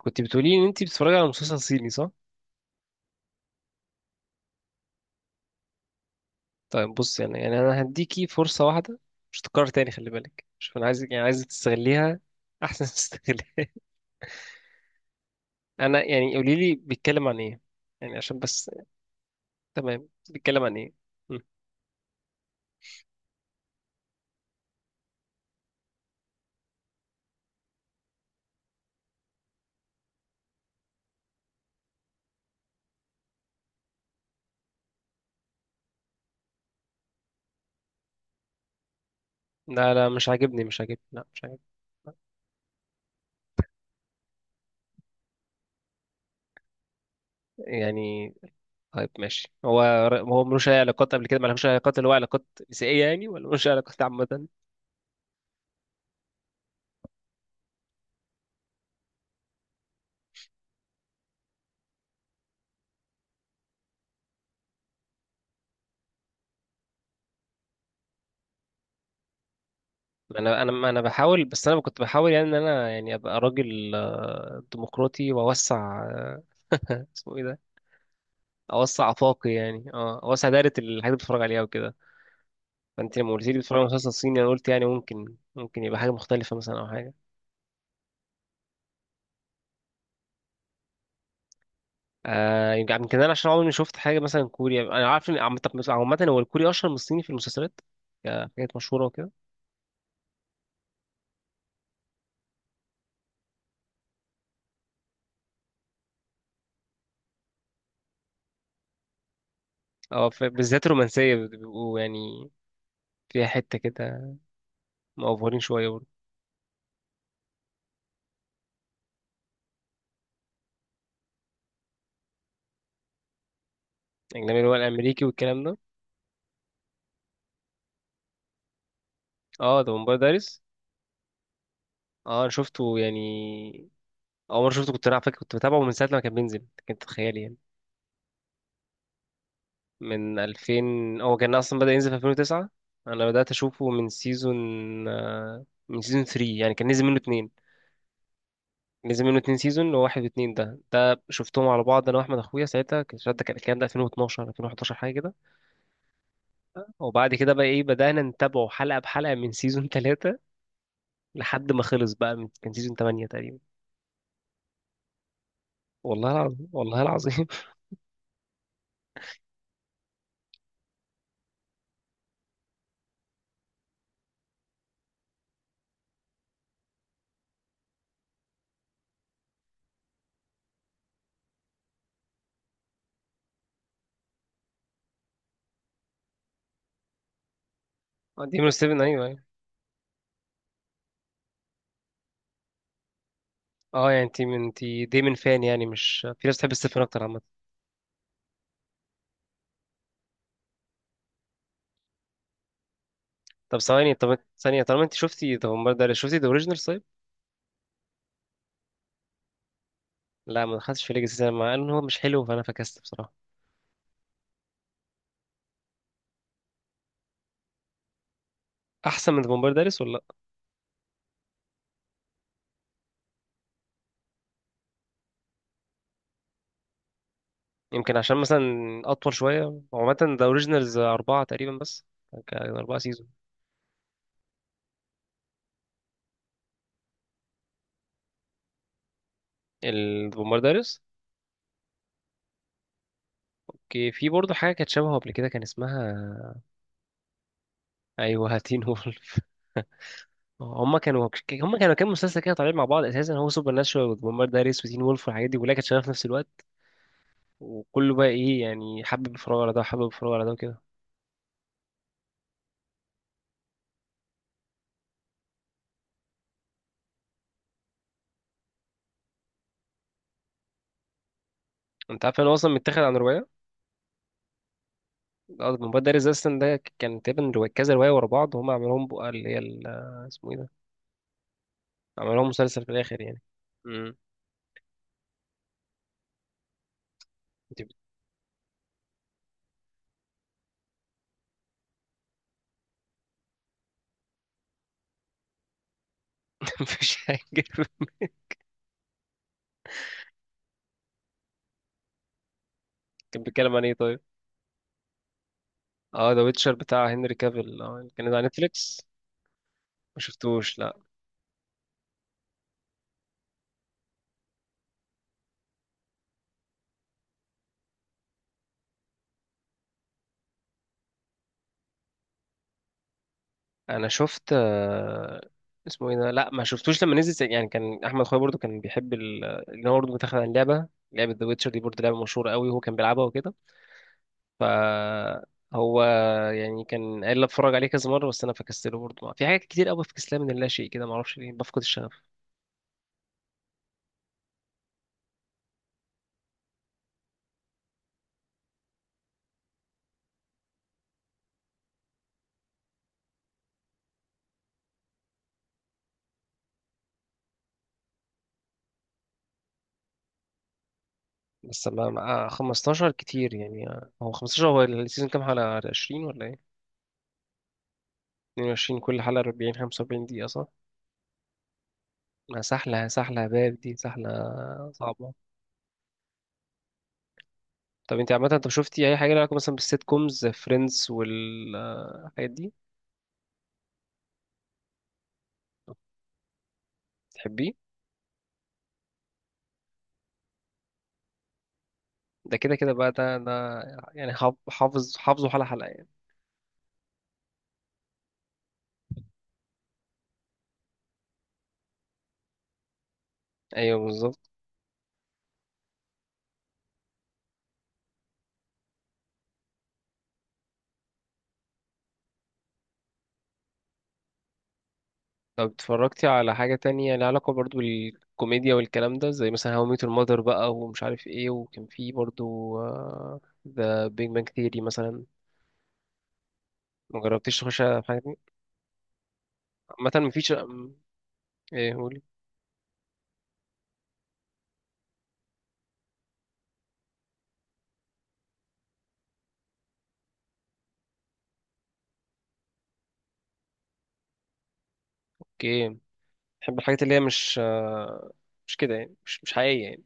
كنت بتقولي ان انت بتتفرجي على مسلسل صيني صح؟ طيب بص، يعني انا هديكي فرصه واحده مش هتتكرر تاني. خلي بالك، شوف، انا عايزك، عايزك تستغليها احسن ما تستغلها. انا يعني قولي لي، بيتكلم عن ايه؟ يعني عشان بس. تمام، بيتكلم عن ايه؟ مم. لا لا، مش عاجبني، مش عاجبني، لا مش عاجبني. يعني طيب ماشي. هو، هو ملوش اي علاقات قبل كده؟ ملوش اي علاقات اللي هو علاقات نسائيه يعني، ولا ملوش اي علاقات عامه؟ انا بحاول. بس انا كنت بحاول يعني ان انا يعني ابقى راجل ديمقراطي واوسع اسمه ايه ده، اوسع افاقي يعني، اه اوسع دايره الحاجات اللي بتفرج عليها وكده. فانت لما قلت لي بتتفرج على مسلسل صيني، انا قلت يعني ممكن يبقى حاجه مختلفه مثلا، او حاجه. آه يمكن، يمكن انا عشان عمري ما شفت حاجه مثلا. كوريا انا عارف ان عامه، عامة هو الكوري اشهر من الصيني في المسلسلات، كحاجات مشهوره وكده. اه بالذات الرومانسيه بيبقوا يعني فيها حته كده مأفورين شويه برضه. اجنبي اللي هو الامريكي والكلام ده. اه ده ممبار دارس. اه انا شفته يعني. اول مره شفته كنت انا على فكره كنت بتابعه من ساعه ما كان بينزل، كنت تخيل يعني، من 2000. هو كان اصلا بدأ ينزل في 2009. انا بدأت اشوفه من سيزون من سيزون 3 يعني، كان نزل منه اتنين. نزل منه اتنين سيزون، وواحد واتنين ده شفتهم على بعض انا واحمد اخويا ساعتها. كان الشهر ده، كان الكلام ده 2012 2011 حاجه كده. وبعد كده بقى ايه، بدأنا نتابعه حلقه بحلقه من سيزون 3، لحد ما خلص بقى من كان سيزون 8 تقريبا. والله العظيم، والله العظيم. ديمون ستيفن، ايوه ايوه. اه يعني انت دايما فان يعني، مش في ناس بتحب ستيفن اكتر عامه. طب ثواني، طب ثانية طالما انت شفتي طب بومبار دارس، شفتي ذا اوريجينال طيب؟ لا ما دخلتش في ليجاسي سينما، مع ان هو مش حلو فانا فكست بصراحة. احسن من بومبار دارس ولا لا؟ يمكن عشان مثلا اطول شوية. هو عامة ذا اوريجينالز اربعة تقريبا بس، كان اربعة سيزون. البومبار دارس. اوكي في برضه حاجة كانت شبهه قبل كده كان اسمها ايوه، هاتين وولف. هما كانوا كام مسلسل كده طالعين مع بعض اساسا. هو سوبر ناتشورال وبومبار دارس وتين وولف والحاجات دي كلها كانت شغالة في نفس الوقت. وكله بقى ايه يعني، حابب يتفرج على ده وحابب يتفرج على ده وكده. انت عارف ان هو اصلا متاخد عن روايه؟ الموبايل ده ريزيستنت ده كان تقريبا كذا روايه ورا بعض، هم عملوهم بقى اللي هي اسمه ايه ده، عملوهم مسلسل في الاخر يعني. امم. انت، مفيش حاجه. كان بيتكلم عن ايه طيب؟ اه ذا ويتشر بتاع هنري كافيل، اه كان ده على نتفليكس. ما شفتوش لا. انا شفت اسمه ايه ده. لا ما شفتوش لما نزل يعني. كان احمد خوي برضو كان بيحب اللي هو برضو متاخد عن لعبه. ذا ويتشر دي برضو لعبه مشهوره قوي وهو كان بيلعبها وكده. فهو يعني كان قال لي اتفرج عليه كذا مره، بس انا فكستله برضه. في حاجات كتير قوي بفكسلها من اللا شيء كده، ما اعرفش ليه، بفقد الشغف. بس 15 كتير يعني. هو 15 هو السيزون كام حلقه، 20 ولا ايه؟ 22 كل حلقه 40 45 دقيقه صح؟ ما سحله، سحله يا باب، دي سحله صعبه. طب انت عامه، انت شفتي اي حاجه لها علاقه مثلا بالسيت كومز، فريندز والحاجات دي؟ تحبيه؟ ده كده كده بقى، ده يعني حافظ حافظه حلقه حلقه يعني. ايوه بالظبط. طب اتفرجتي على حاجة تانية لها علاقة برضو بالكوميديا والكلام ده، زي مثلا هاو ميت المادر بقى ومش عارف ايه، وكان في برضو ذا بيج بانج ثيري مثلا؟ ما جربتيش تخش على حاجة دي؟ عامة مفيش ايه قولي. اوكي. بحب الحاجات اللي هي مش مش كده يعني، مش مش حقيقية يعني.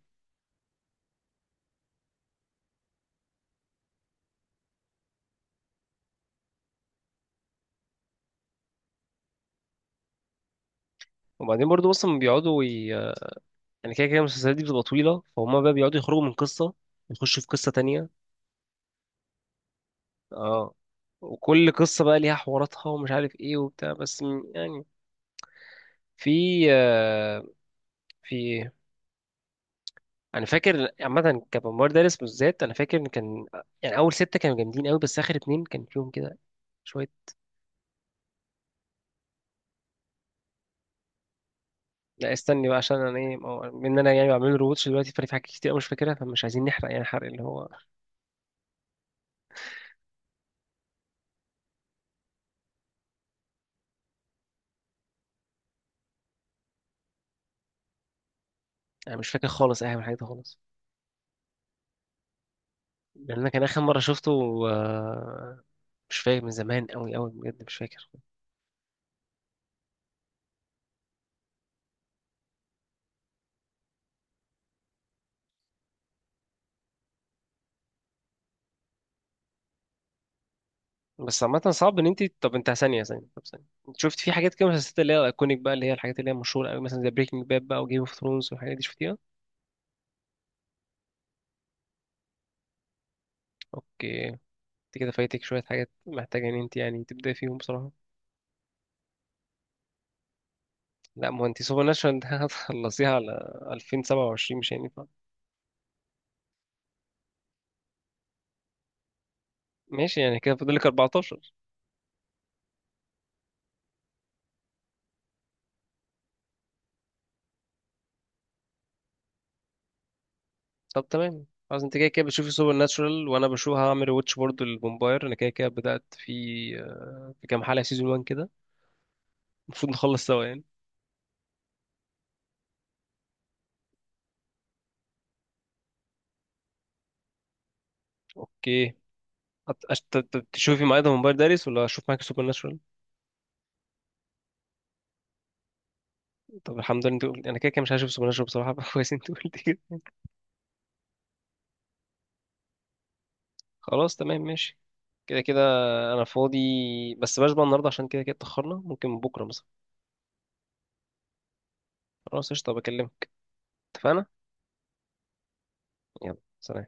وبعدين برضو اصلا بيقعدوا يعني كده كده المسلسلات دي بتبقى طويلة، فهم بقى بيقعدوا يخرجوا من قصة، يخشوا في قصة تانية. اه. وكل قصة بقى ليها حواراتها ومش عارف ايه وبتاع، بس يعني في في ايه، انا فاكر عامه كممر دارس بالذات. انا فاكر ان كان يعني اول سته كانوا جامدين قوي، بس اخر اتنين كان فيهم كده شويه. لا استني بقى عشان انا ايه، ما هو- ان انا يعني بعمل له روتش دلوقتي، فانا في حاجات كتير أوي مش فاكرها، فمش عايزين نحرق يعني، حرق اللي هو. انا مش فاكر خالص اي حاجه من الحاجات دي خالص. لان انا كان اخر مره شفته آه، مش فاكر، من زمان قوي قوي بجد، مش فاكر. بس عامة صعب ان انت، طب انت ثانية ثانية طب ثانية، انت شفت في حاجات كده مسلسلات اللي هي الايكونيك بقى، اللي هي الحاجات اللي هي مشهورة قوي، مثلا زي بريكنج باد بقى وجيم اوف ثرونز والحاجات دي، شفتيها؟ اوكي انت كده فايتك شوية حاجات محتاجة ان انت يعني تبدأي فيهم بصراحة. لا ما هو انت سوبر ناتشورال ده هتخلصيها على 2027، مش هينفع. ماشي يعني كده فاضلك 14. طب تمام خلاص، انت كده كده بتشوفي سوبر ناتشورال، وانا بشوف هعمل واتش برضه للفامباير، انا كده كده بدأت في في كام حلقة سيزون 1 كده. المفروض نخلص سوا يعني. اوكي. تشوفي معايا ده موبايل داريس، ولا اشوف معاك سوبر ناتشورال؟ طب الحمد لله انت قلت، انا كده كده مش هشوف سوبر ناتشورال بصراحه. كويس انت قلت كده. خلاص تمام ماشي. كده كده انا فاضي، بس بلاش بقى النهارده عشان كده كده اتاخرنا، ممكن بكره مثلا. خلاص قشطه، بكلمك. اتفقنا. يلا سلام.